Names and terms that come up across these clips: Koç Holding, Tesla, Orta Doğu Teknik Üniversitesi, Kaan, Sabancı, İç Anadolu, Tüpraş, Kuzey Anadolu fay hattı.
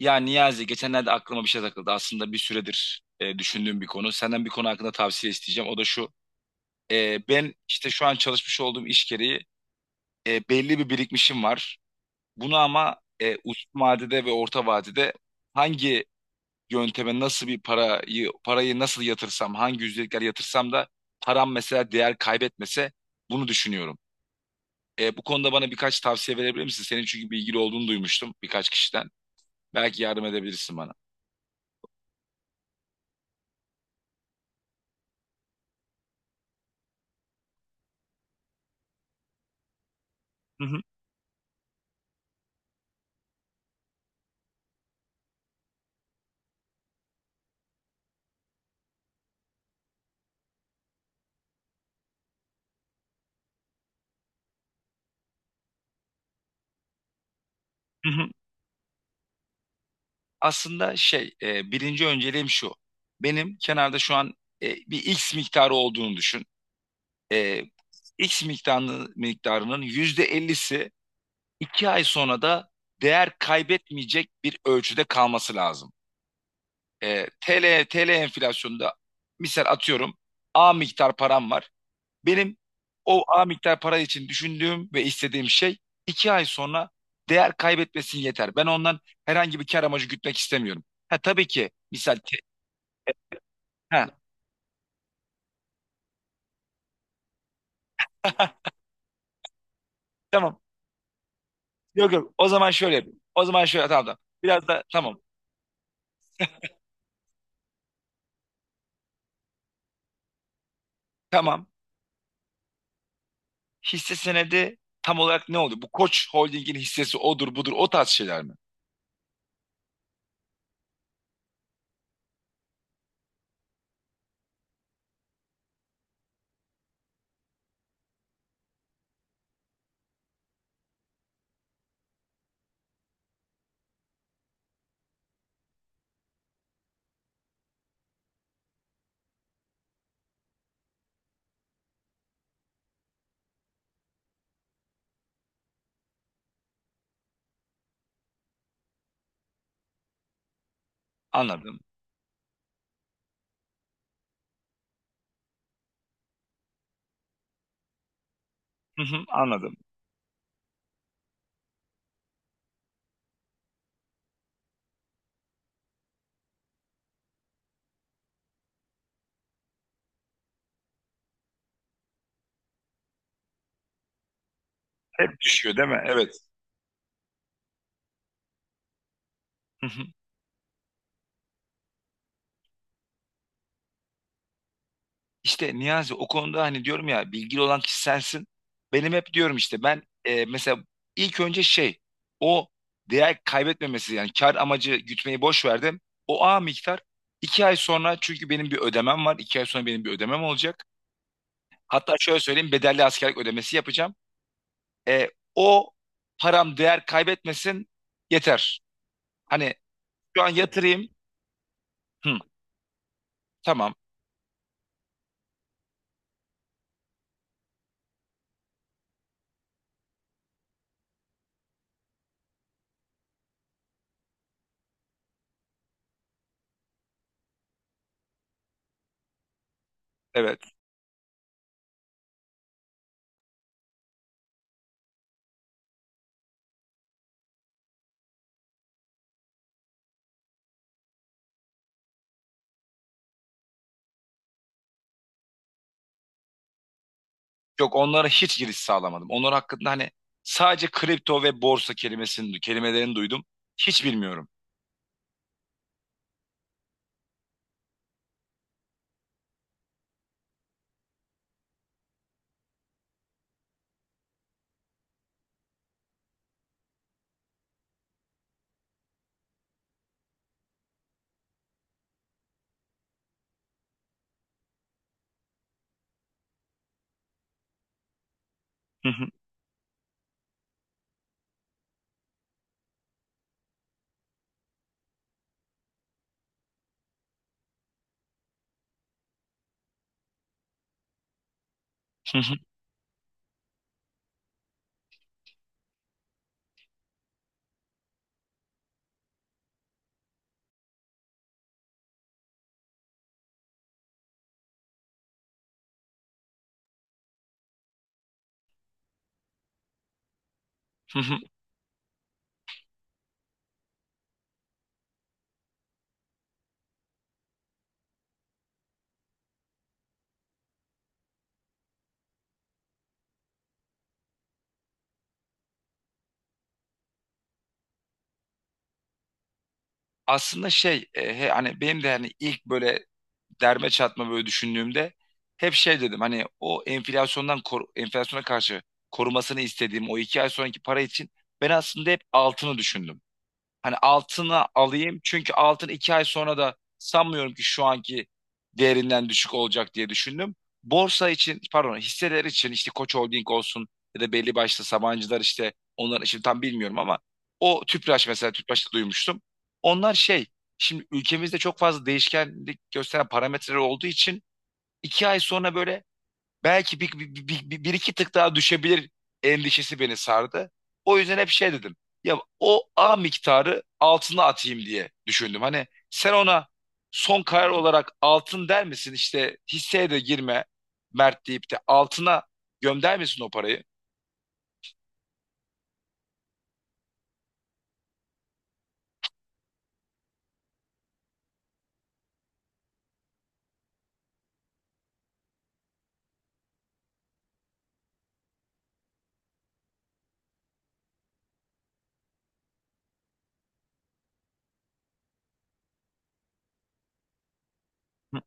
Ya Niyazi, geçenlerde aklıma bir şey takıldı. Aslında bir süredir düşündüğüm bir konu. Senden bir konu hakkında tavsiye isteyeceğim. O da şu. Ben işte şu an çalışmış olduğum iş gereği belli bir birikmişim var. Bunu ama uzun vadede ve orta vadede hangi yönteme, nasıl bir parayı nasıl yatırsam, hangi yüzdelikler yatırsam da param mesela değer kaybetmese, bunu düşünüyorum. Bu konuda bana birkaç tavsiye verebilir misin? Senin çünkü bilgili olduğunu duymuştum birkaç kişiden. Belki yardım edebilirsin bana. Hı hı. Aslında şey, birinci önceliğim şu. Benim kenarda şu an bir X miktarı olduğunu düşün. E, X miktarını, miktarının %50'si 2 ay sonra da değer kaybetmeyecek bir ölçüde kalması lazım. TL enflasyonunda, misal atıyorum, A miktar param var. Benim o A miktar para için düşündüğüm ve istediğim şey, 2 ay sonra değer kaybetmesin yeter. Ben ondan herhangi bir kar amacı gütmek istemiyorum. Ha, tabii ki misal. Ha. Tamam. Yok, yok. O zaman şöyle yapayım. O zaman şöyle, tamam, tamam. Biraz da tamam. Tamam. Hisse senedi tam olarak ne oldu? Bu Koç Holding'in hissesi odur budur, o tarz şeyler mi? Anladım. Hı hı, anladım. Hep düşüyor değil mi? Evet. Hı hı. İşte Niyazi, o konuda hani diyorum ya, bilgili olan kişi sensin. Benim hep diyorum işte, ben mesela ilk önce şey, o değer kaybetmemesi, yani kar amacı gütmeyi boş verdim. O A miktar 2 ay sonra, çünkü benim bir ödemem var. 2 ay sonra benim bir ödemem olacak. Hatta şöyle söyleyeyim, bedelli askerlik ödemesi yapacağım. E, O param değer kaybetmesin yeter. Hani şu an yatırayım. Hı, tamam, evet. Yok, onlara hiç giriş sağlamadım. Onlar hakkında hani sadece kripto ve borsa kelimelerini duydum. Hiç bilmiyorum. Hı hı, hı hı, hı hı. Aslında şey, hani benim de hani ilk böyle derme çatma böyle düşündüğümde, hep şey dedim, hani o enflasyondan enflasyona karşı korumasını istediğim o 2 ay sonraki para için ben aslında hep altını düşündüm. Hani altını alayım, çünkü altın 2 ay sonra da sanmıyorum ki şu anki değerinden düşük olacak diye düşündüm. Borsa için, pardon, hisseler için işte Koç Holding olsun ya da belli başlı Sabancılar, işte onlar için tam bilmiyorum ama o Tüpraş, mesela Tüpraş'ta duymuştum. Onlar şey, şimdi ülkemizde çok fazla değişkenlik gösteren parametreler olduğu için 2 ay sonra böyle belki bir iki tık daha düşebilir endişesi beni sardı. O yüzden hep şey dedim. Ya o A miktarı altına atayım diye düşündüm. Hani sen ona son karar olarak altın der misin? İşte hisseye de girme, Mert deyip de altına gömder misin o parayı? Hı.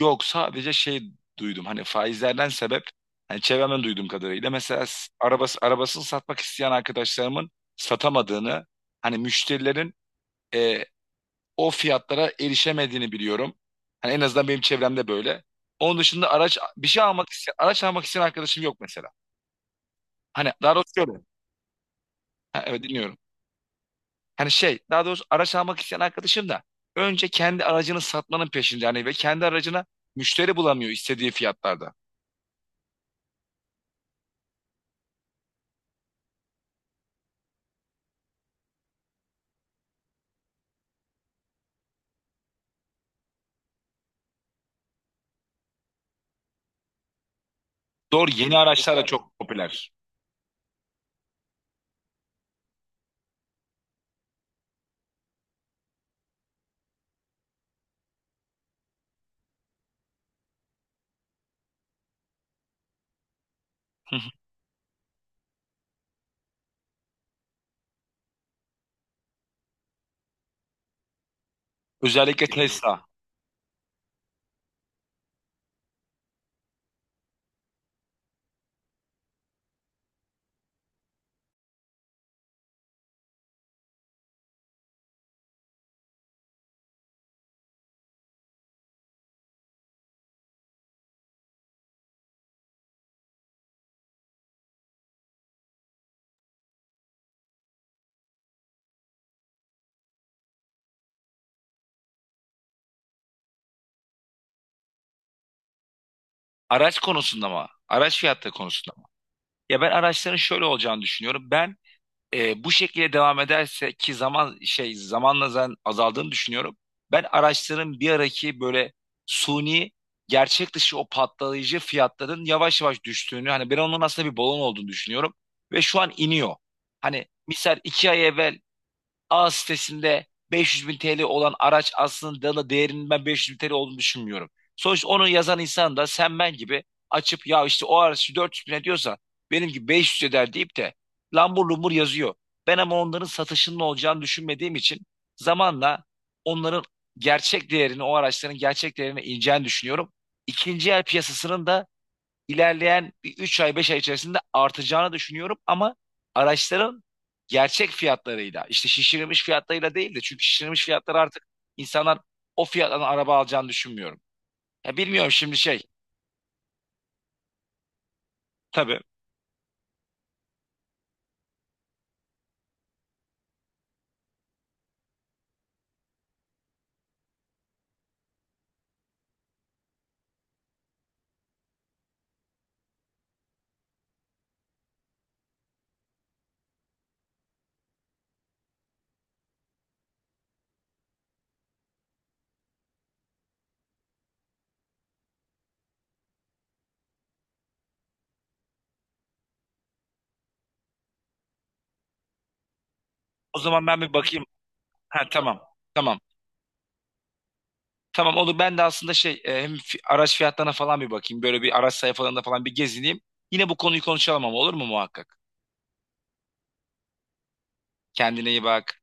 Yok, sadece şey duydum, hani faizlerden sebep, hani çevremden duyduğum kadarıyla mesela arabasını satmak isteyen arkadaşlarımın satamadığını, hani müşterilerin e, o fiyatlara erişemediğini biliyorum. Hani en azından benim çevremde böyle. Onun dışında araç almak isteyen arkadaşım yok mesela. Hani daha doğrusu şöyle. Ha, evet, dinliyorum. Hani şey, daha doğrusu araç almak isteyen arkadaşım da önce kendi aracını satmanın peşinde, hani, ve kendi aracına müşteri bulamıyor istediği fiyatlarda. Doğru, yeni araçlar da çok popüler. Hı hı. Özellikle Tesla. Araç konusunda mı? Araç fiyatı konusunda. Ya ben araçların şöyle olacağını düşünüyorum. Ben bu şekilde devam ederse, ki zamanla zaten azaldığını düşünüyorum. Ben araçların bir araki böyle suni, gerçek dışı o patlayıcı fiyatların yavaş yavaş düştüğünü, hani ben onun aslında bir balon olduğunu düşünüyorum ve şu an iniyor. Hani misal 2 ay evvel A sitesinde 500 bin TL olan araç, aslında da değerinin ben 500 bin TL olduğunu düşünmüyorum. Sonuçta onu yazan insan da sen ben gibi açıp, ya işte o araç 400 bin diyorsa, benim gibi 500 eder deyip de lambur lumbur yazıyor. Ben ama onların satışının olacağını düşünmediğim için zamanla onların gerçek değerini, o araçların gerçek değerine ineceğini düşünüyorum. İkinci el piyasasının da ilerleyen bir 3 ay 5 ay içerisinde artacağını düşünüyorum, ama araçların gerçek fiyatlarıyla, işte şişirilmiş fiyatlarıyla değil de, çünkü şişirilmiş fiyatlar artık insanlar o fiyattan araba alacağını düşünmüyorum. Ya bilmiyorum, şimdi şey, tabii, o zaman ben bir bakayım. Ha, tamam, tamam. Tamam, olur, ben de aslında şey, hem araç fiyatlarına falan bir bakayım. Böyle bir araç sayfalarında falan bir gezineyim. Yine bu konuyu konuşalım ama, olur mu muhakkak? Kendine iyi bak.